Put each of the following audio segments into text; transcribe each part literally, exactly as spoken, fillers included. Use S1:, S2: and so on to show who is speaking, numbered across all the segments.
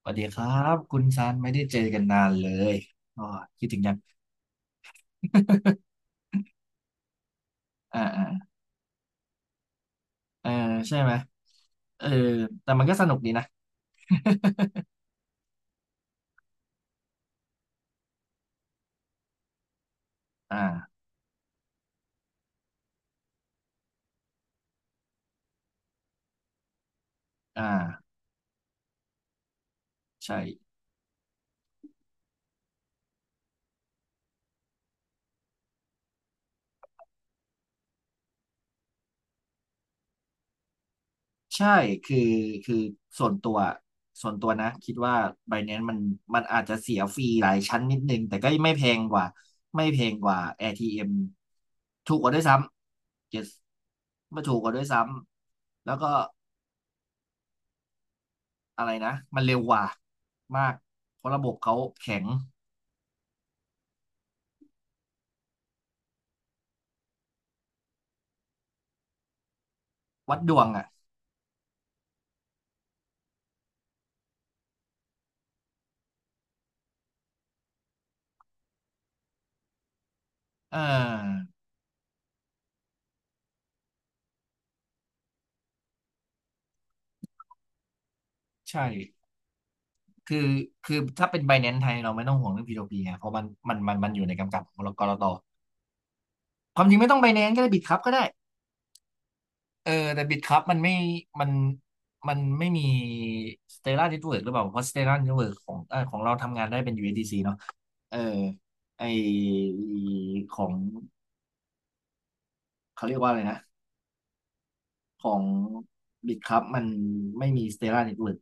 S1: สวัสดีครับคุณซันไม่ได้เจอกันนานเลยอ๋อคิดถึงยัง อ่าอ่าเออใช่ไหมเออแต่มันก็สนุกดีนะอ่าอ่าใช่ใช่คือคือส่วนตัวส่วนตัวนะคิดว่า Binance มันมันอาจจะเสียฟรีหลายชั้นนิดนึงแต่ก็ไม่แพงกว่าไม่แพงกว่า เอ ที เอ็ม ถูกกว่าด้วยซ้ำ yes ไม่ถูกกว่าด้วยซ้ำแล้วก็อะไรนะมันเร็วกว่ามากเพราะระบบเขาแข็ง วัดดวงอ่ะเออใช่คือคือถ้าเป็น Binance ไทย เราไม่ต้องห่วงเรื่อง พี ทู พี ไงเพราะมันมันมันมันอยู่ในกำกับของกลตความจริงไม่ต้อง Binance ก็ได้ Bitkub ก็ได้เออแต่ Bitkub มันไม่มันมันไม่มี Stellar Network หรือเปล่าเพราะ Stellar Network ของเออของเราทำงานได้เป็น ยู เอส ดี ซี เอสดีซีเนาะเออไอของเขาเรียกว่าอะไรนะของ Bitkub มันไม่มี Stellar Network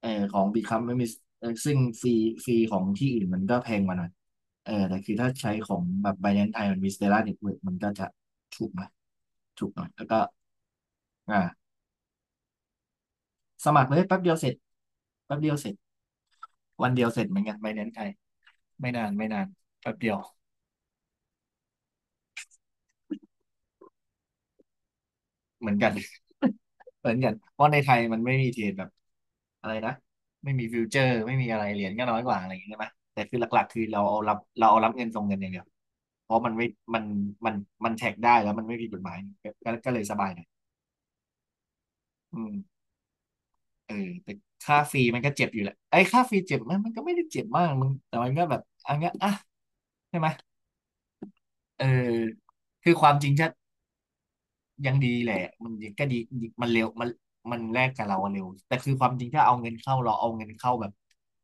S1: เออของ Become ไม่มีเออซึ่งฟรีฟรีของที่อื่นมันก็แพงกว่าหน่อยเออแต่คือถ้าใช้ของแบบ Binance ไทยมันมี Stellar Network มันก็จะถูกหน่อยถูกหน่อยแล้วก็อ่าสมัครเลยแป๊บเดียวเสร็จแป๊บเดียวเสร็จวันเดียวเสร็จเหมือนกัน Binance ไทยไม่นานไม่นานแป๊บเดียว เหมือนกัน เหมือนกันเพราะในไทยมันไม่มีเทรดแบบอะไรนะไม่มีฟิวเจอร์ไม่มีอะไรเหรียญก็น้อยกว่าอะไรอย่างเงี้ยใช่ไหมแต่คือหลักๆคือเราเอารับเราเอารับเงินส่งเงินอย่างเดียวเพราะมันไม่มันมันมันแท็กได้แล้วมันไม่ผิดกฎหมายก็ก็เลยสบายหน่อยอืมเออแต่ค่าฟรีมันก็เจ็บอยู่แหละไอ้ยค่าฟรีเจ็บไหมันมันก็ไม่ได้เจ็บมากมึงแต่มันก็แบบอันเงี้ยอ่ะใช่ไหมเออคือความจริงชัด ยังดีแหละมันยังก็ดีดีมันเร็วมันมันแลกกับเราอะเร็วแต่คือความจริงถ้าเอาเงินเข้าเราเอาเงินเข้าแบบ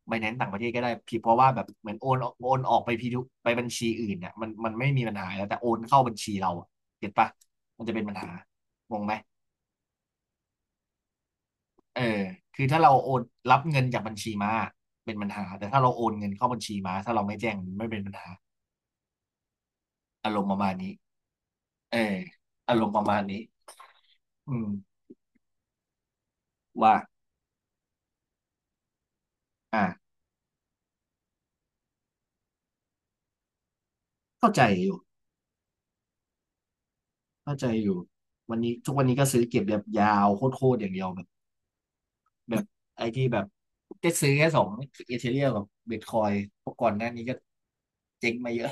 S1: ไบแนนซ์ต่างประเทศก็ได้พี่เพราะว่าแบบเหมือนโอนโอนออกไปพีทุไปบัญชีอื่นเนี่ยมันมันไม่มีปัญหาแล้วแต่โอนเข้าบัญชีเราอะเก็ตปะมันจะเป็นปัญหางงไหมเออคือถ้าเราโอนรับเงินจากบัญชีมาเป็นปัญหาแต่ถ้าเราโอนเงินเข้าบัญชีมาถ้าเราไม่แจ้งมันไม่เป็นปัญหาอารมณ์ประมาณนี้เอออารมณ์ประมาณนี้อืมว่าอ่ะเข้าใจอยู่ เข้าใจอยู่วันนี้ทุกวันนี้ก็ซื้อเก็บแบบยาวโคตรๆอย่างเดียวแบบแบบไอ้ที่แบบได้ซื้อแค่สองเอเธเรียมกับบิตคอยเพราะก่อนหน้านี้ก็เจ๊งมาเยอะ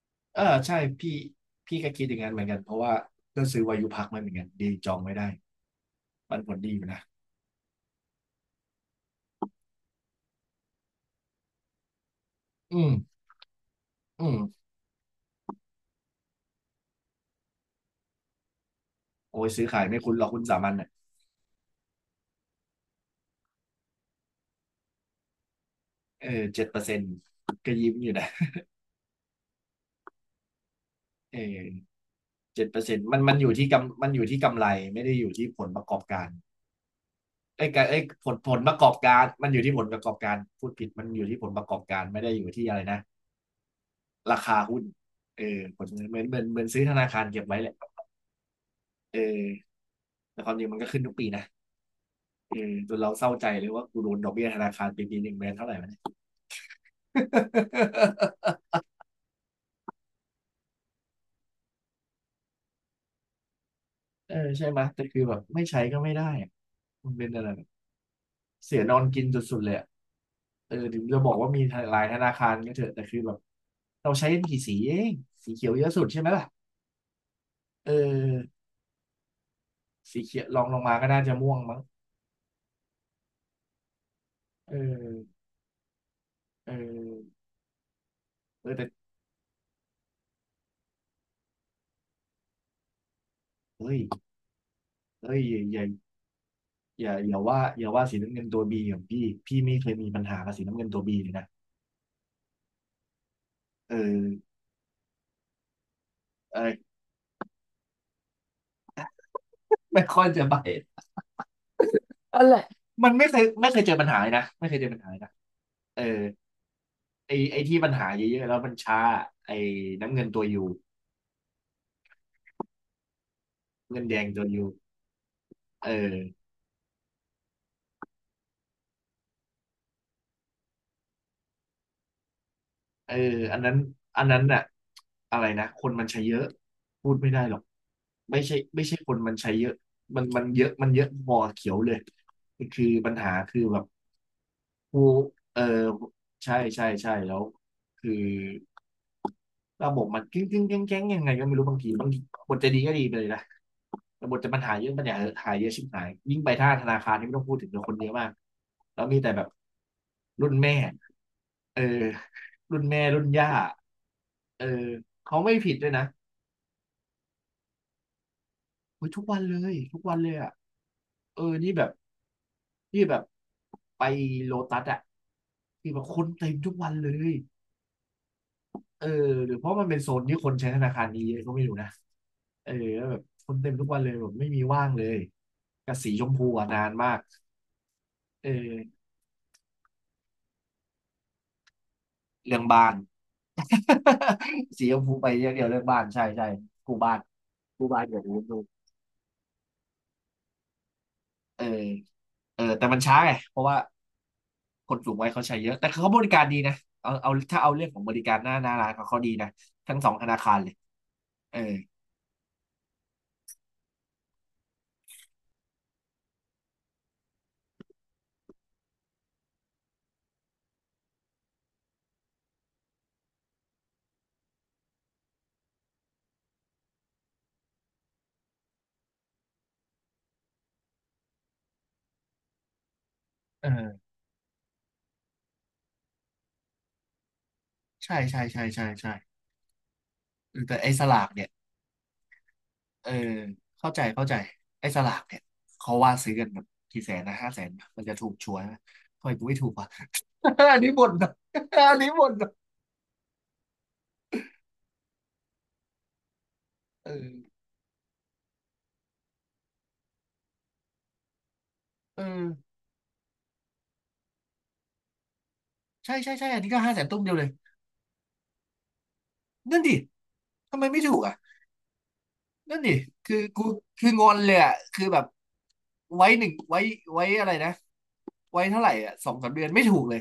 S1: เออใช่พี่พี่ก็คิดอย่างนั้นเหมือนกันเพราะว่าก็ซื้อวายุพักมาเหมือนกันดีจองไม่ได้มันผลดีอยู่นะอืมอืมโอ้ยซื้อขายไม่คุ้นหรอกคุณสามัญอ่ะเออเจ็ดเปอร์เซ็นต์ก็ยิ้มอยู่นะเออเจ็ดเปอร์เซ็นต์มันมันอยู่ที่กำมันอยู่ที่กำไรไม่ได้อยู่ที่ผลประกอบการ ไอ้ยการไอ้ผลผลประกอบการมันอยู่ที่ผลประกอบการพูดผิดมันอยู่ที่ผลประกอบการไม่ได้อยู่ที่อะไรนะราคาหุ้นเออผลเหมือนเหมือนเหมือนซื้อธนาคารเก็บไว้แหละเออแต่ความจริงมันก็ขึ้นทุกปีนะเออจนเราเศร้าใจเลยว่ากูโดนดอกเบี้ยธนาคารปีปีหนึ่งเดอนเท่าไหร่วะเน เออใช่ไหมยแต่คือแบบไม่ใช้ก็ไม่ได้อะมันเป็นอะไรแบบเสียนอนกินสุดๆเลยอะเออถึงจะบอกว่ามีหลายธนาคารก็เถอะแต่คือแบบเราใช้กันกี่สีเองสีเขียวเยอะสุดใช่ไหมล่ะเออ สีเขียวลองลงมาก็น่าจะม่วงมั้งเออเออเออแต่เฮ้ยเฮ้ยอย่าอย่าอย่าอย่าว่าอย่าว่าสีน้ำเงินตัวบีของพี่พี่ไม่เคยมีปัญหากับสีน้ำเงินตัวบีเลยนะเออเออไม่ค่อยจะบาดอะไรมันไม่เคยไม่เคยเจอปัญหาเลยนะไม่เคยเจอปัญหาเลยนะเออไอไอที่ปัญหาเยอะๆแล้วมันช้าไอน้ำเงินตัวยูเงินแดงตัวยูเออ เอออันนั้นอันนั้นน่ะอะไรนะ คนมันใช้เยอะ พูดไม่ได้หรอก ไม่ใช่ไม่ใช่คนมันใช้เยอะมันมันเยอะ มันเยอะพอเขียวเลย คือปัญหาคือแบบ ถูกเออใช่ใช่ใช่แล้วคือระบบมันกิ้งกิ้งแก้งแก้งยังไงก็ไม่รู้บางทีบางทีบทจะดีก็ดีไปเลยนะแต่บทจะปัญหาเยอะปัญหาหายเยอะชิบหายยิ่งไปท่าธนาคารนี่ไม่ต้องพูดถึงเลยคนเยอะมากแล้วมีแต่แบบรุ่นแม่เออรุ่นแม่รุ่นย่าเออเขาไม่ผิดด้วยนะเฮ้ยทุกวันเลยทุกวันเลยอ่ะเออนี่แบบนี่แบบไปโลตัสอ่ะที่แบบคนเต็มทุกวันเลย เออหรือเพราะมันเป็นโซนที่คนใช้ธนาคารนี้เยอะก็ไม่รู้นะเออแล้วแบบคนเต็มทุกวันเลยแบบไม่มีว่างเลยกับสีชมพูอะนานมากเออเรื่องบ้าน สีชมพูไปอย่างเดียวเรื่องบ้านใช่ใช่กูบ้านกูบ้านอย่างนี้ดูเออเออแต่มันช้าไงเพราะว่าคนสูงวัยเขาใช้เยอะแต่เขาบริการดีนะเอาเอาถ้าเอาเรื่องของบริการหน้าหน้าร้านเขาเขาดีนะทั้งสองธนาคารเลยเออเออใช่ใช่ใช่ใช่ใช่เออแต่ไอ้สลากเนี่ย เออเข้าใจเข้าใจไอ้สลากเนี่ยเขาว่าซื้อกันแบบกี่แสนนะห้าแสนปะมันจะถูกชัวร์ไหมะทำไมกูไม่ถูกวะ อันนี้บ่นนะ อันนี้บ่นนะเออเออใช่ใช่ใช่อันนี้ก็ห้าแสนตุ้มเดียวเลยนั่นดิทำไมไม่ถูกอ่ะนั่นดิคือกูคืองอนเลยอ่ะคือแบบไว้หนึ่งไว้ไว้อะไรนะไว้เท่าไหร่อ่ะสองสามเดือนไม่ถูกเลย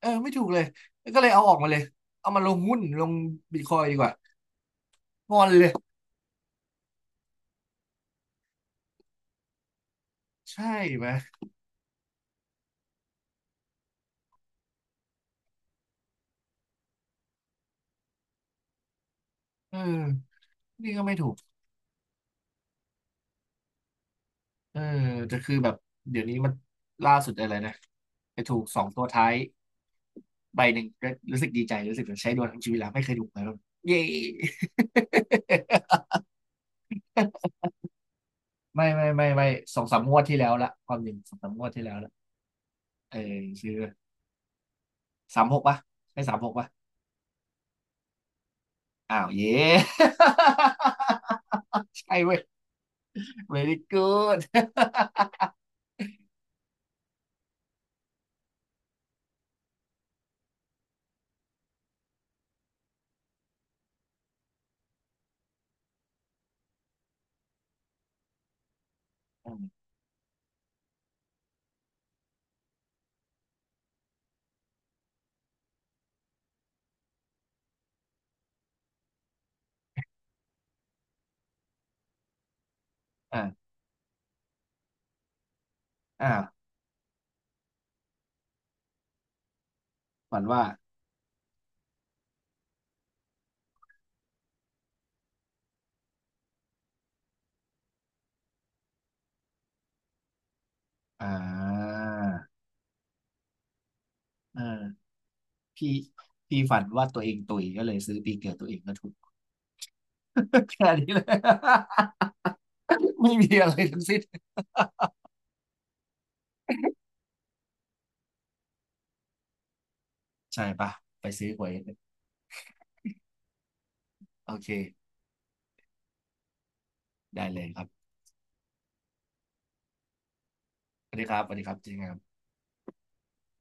S1: เออไม่ถูกเลยก็เลยเอาออกมาเลยเอามาลงหุ้นลงบิตคอยดีกว่างอนเลยใช่ไหม เออนี่ก็ไม่ถูกเออแต่คือแบบเดี๋ยวนี้มันล่าสุดอะไรนะไปถูกสองตัวท้ายใบหนึ่งก็รู้สึกดีใจรู้สึกเหมือนใช้ดวงทั้งชีวิตแล้วไม่เคยถูกเลยแล้วเย้ ไม่ไม่ไม่ไม่สองสามงวดที่แล้วละความจริงสองสามงวดที่แล้วละเออซื้อสามหกปะใช่สามหกปะอ้าวเย้ ใช่เว้ย เวรี่ กู๊ด อ่าอ่าอ่าฝันว่าอ่าเออ พี่พี่ฝันว่าตัวเองตุยก็เลยซื้อปีเกิดตัวเองก็ถูก แค่นี้เลย ไม่มีอะไรทั้งสิ้นใช่ปะไปซื้อหวยโอเคได้เลยครับสวัสดีครับสวัสดีครับเจริงครับ